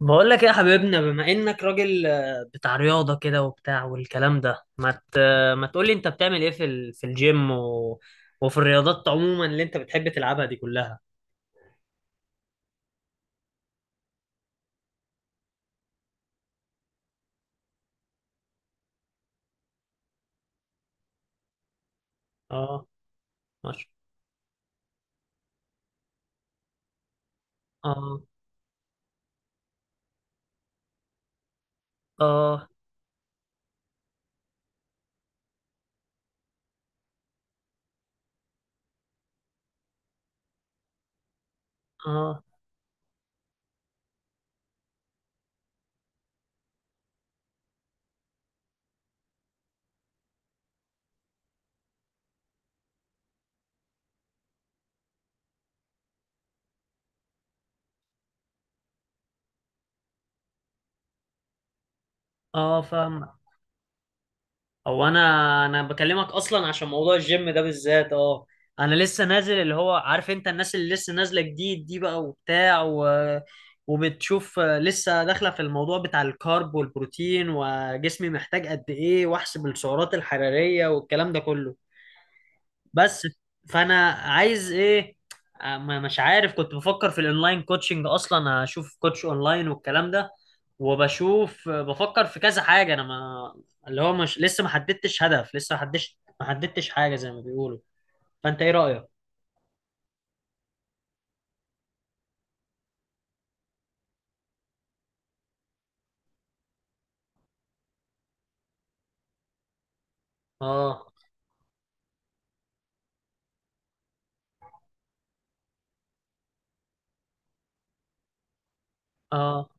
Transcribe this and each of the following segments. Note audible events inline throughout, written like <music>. بقول لك ايه يا حبيبنا بما انك راجل بتاع رياضة كده وبتاع والكلام ده ما تقول لي انت بتعمل ايه في الجيم وفي الرياضات عموما اللي انت بتحب تلعبها دي كلها. اه. ماشي. اه اه اه اه. فاهم. هو انا بكلمك اصلا عشان موضوع الجيم ده بالذات. اه. انا لسه نازل، اللي هو عارف انت الناس اللي لسه نازله جديد دي بقى وبتاع وبتشوف، لسه داخله في الموضوع بتاع الكارب والبروتين وجسمي محتاج قد ايه واحسب السعرات الحراريه والكلام ده كله. بس فانا عايز ايه؟ مش عارف. كنت بفكر في الاونلاين كوتشنج اصلا، اشوف كوتش اونلاين والكلام ده، وبشوف، بفكر في كذا حاجه. انا ما اللي هو مش، لسه ما حددتش هدف، لسه ما حددتش حاجه زي ما بيقولوا. فانت ايه رايك؟ اه اه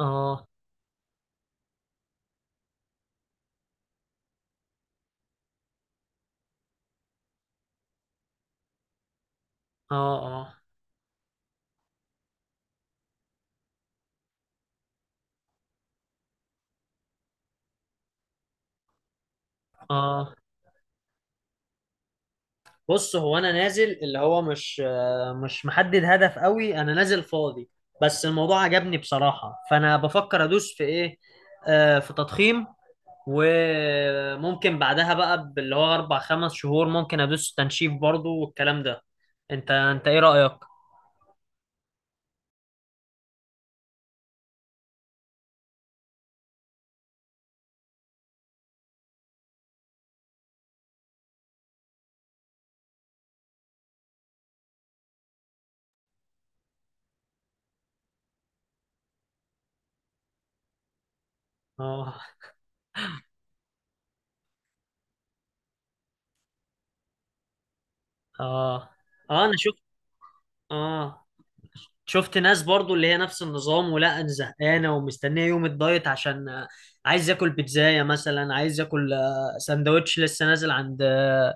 اه اه اه اه. بص، هو انا نازل اللي هو مش محدد هدف قوي، انا نازل فاضي. بس الموضوع عجبني بصراحه. فانا بفكر ادوس في ايه؟ في تضخيم. وممكن بعدها بقى اللي هو اربع خمس شهور ممكن ادوس تنشيف برضو والكلام ده. انت ايه رأيك؟ اه اه اه. انا شفت اه شفت ناس برضو اللي هي نفس النظام، ولا انا زهقانه ومستنيه يوم الدايت عشان عايز اكل بيتزايه مثلا، عايز اكل سندوتش، لسه نازل عند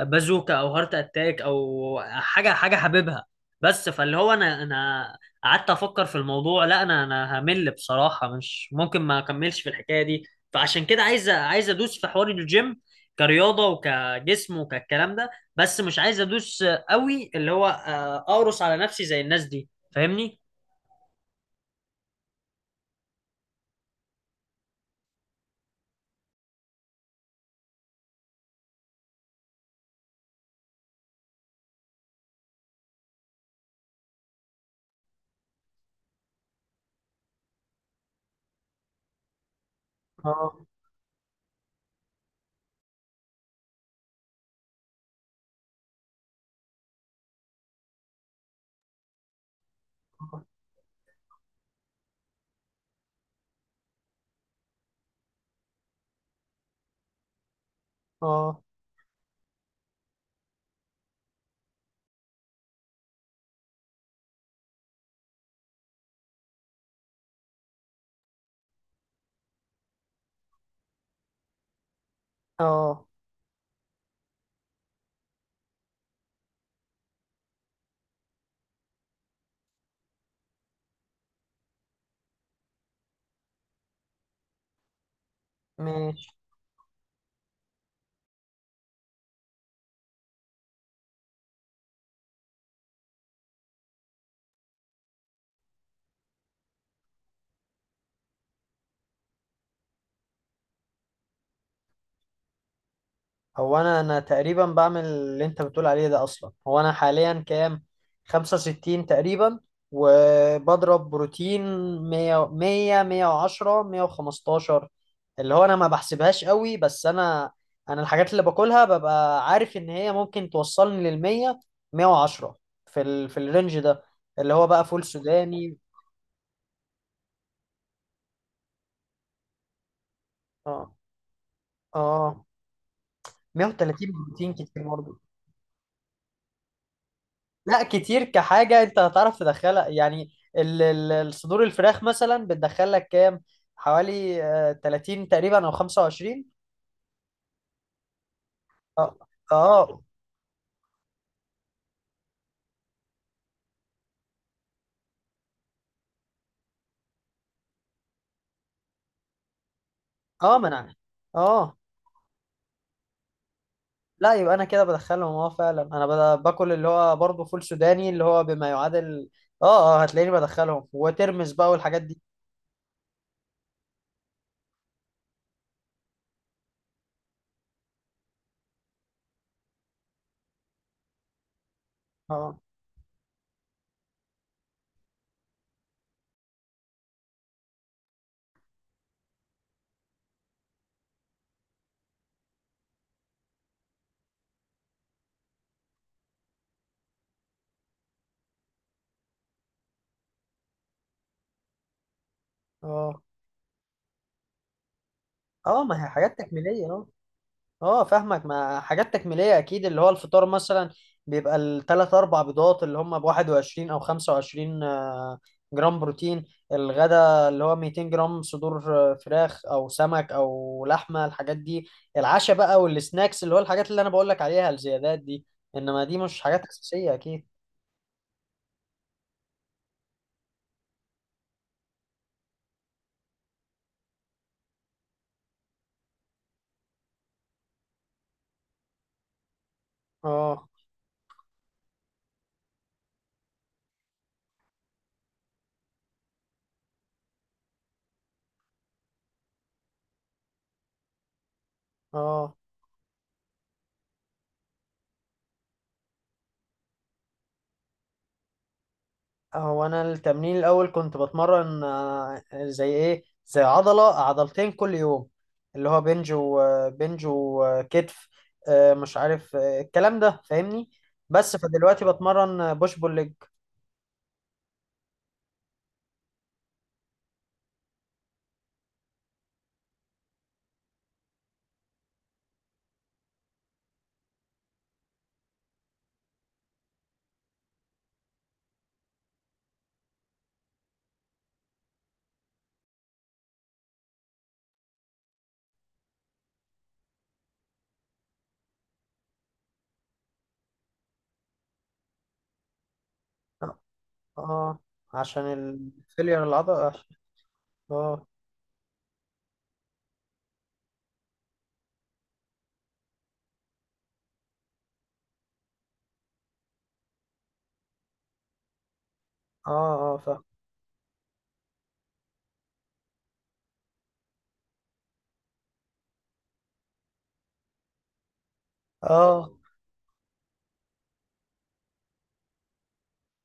بازوكا او هارت اتاك او حاجه حاببها. بس فاللي هو انا قعدت افكر في الموضوع، لا انا همل بصراحه، مش ممكن ما اكملش في الحكايه دي. فعشان كده عايز ادوس في حوار الجيم كرياضه وكجسم وكالكلام ده. بس مش عايز ادوس قوي اللي هو اقرص على نفسي زي الناس دي. فاهمني؟ اه اه اه. ماشي. هو انا تقريبا بعمل اللي انت بتقول عليه ده اصلا. هو انا حاليا كام؟ 65 تقريبا. وبضرب بروتين 100 100 110 115. اللي هو انا ما بحسبهاش قوي بس انا الحاجات اللي باكلها ببقى عارف ان هي ممكن توصلني لل 100 110، في الرينج ده، اللي هو بقى فول سوداني. اه اه. 130 بروتين كتير؟ لا كتير، كحاجة انت هتعرف تدخلها يعني. الصدور الفراخ مثلا بتدخل لك كام؟ حوالي 30 تقريبا او 25. اه اه اه. ما انا. اه. لا، يبقى انا كده بدخلهم. اه فعلا انا باكل اللي هو برضه فول سوداني، اللي هو بما يعادل. اه اه. هتلاقيني بدخلهم وترمس بقى والحاجات دي. اه اه اه. ما هي حاجات تكميلية. اه فاهمك. ما حاجات تكميلية اكيد. اللي هو الفطار مثلا بيبقى الثلاث اربع بيضات اللي هم ب 21 او 25 جرام بروتين. الغدا اللي هو 200 جرام صدور فراخ او سمك او لحمة الحاجات دي. العشاء بقى والسناكس اللي هو الحاجات اللي انا بقول لك عليها الزيادات دي. انما دي مش حاجات اساسية اكيد. اه اه. هو انا التمرين الاول كنت بتمرن زي ايه، زي عضله عضلتين كل يوم، اللي هو بنج وبنج وكتف. مش عارف الكلام ده، فاهمني. بس فدلوقتي بتمرن بوش بول ليج. اه. آه، عشان الفيلير العضله. اه اه اه. فاهم. اه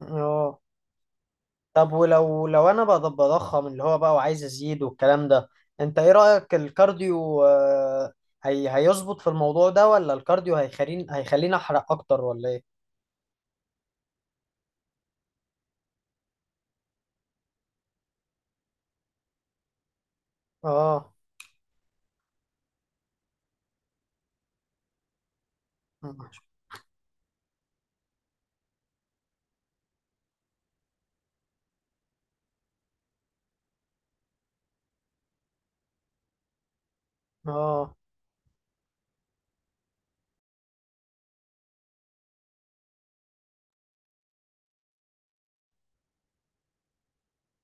اه. طب ولو لو انا بقى بضخم اللي هو بقى وعايز ازيد والكلام ده، انت ايه رأيك الكارديو؟ هي هيظبط في الموضوع ده، ولا الكارديو هيخليني احرق اكتر، ولا ايه؟ اه اه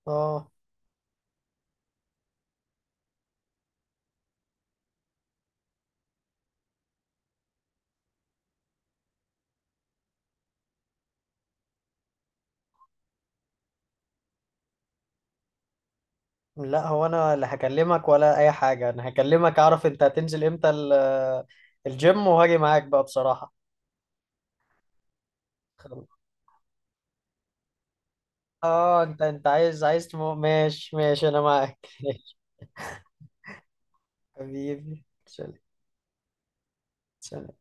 اه. لا، هو انا اللي هكلمك، ولا اي حاجة انا هكلمك اعرف انت هتنزل امتى الجيم وهاجي معاك بقى بصراحة. خلاص. اه، انت عايز ماشي ماشي انا معاك <laughs> حبيبي سلام سلام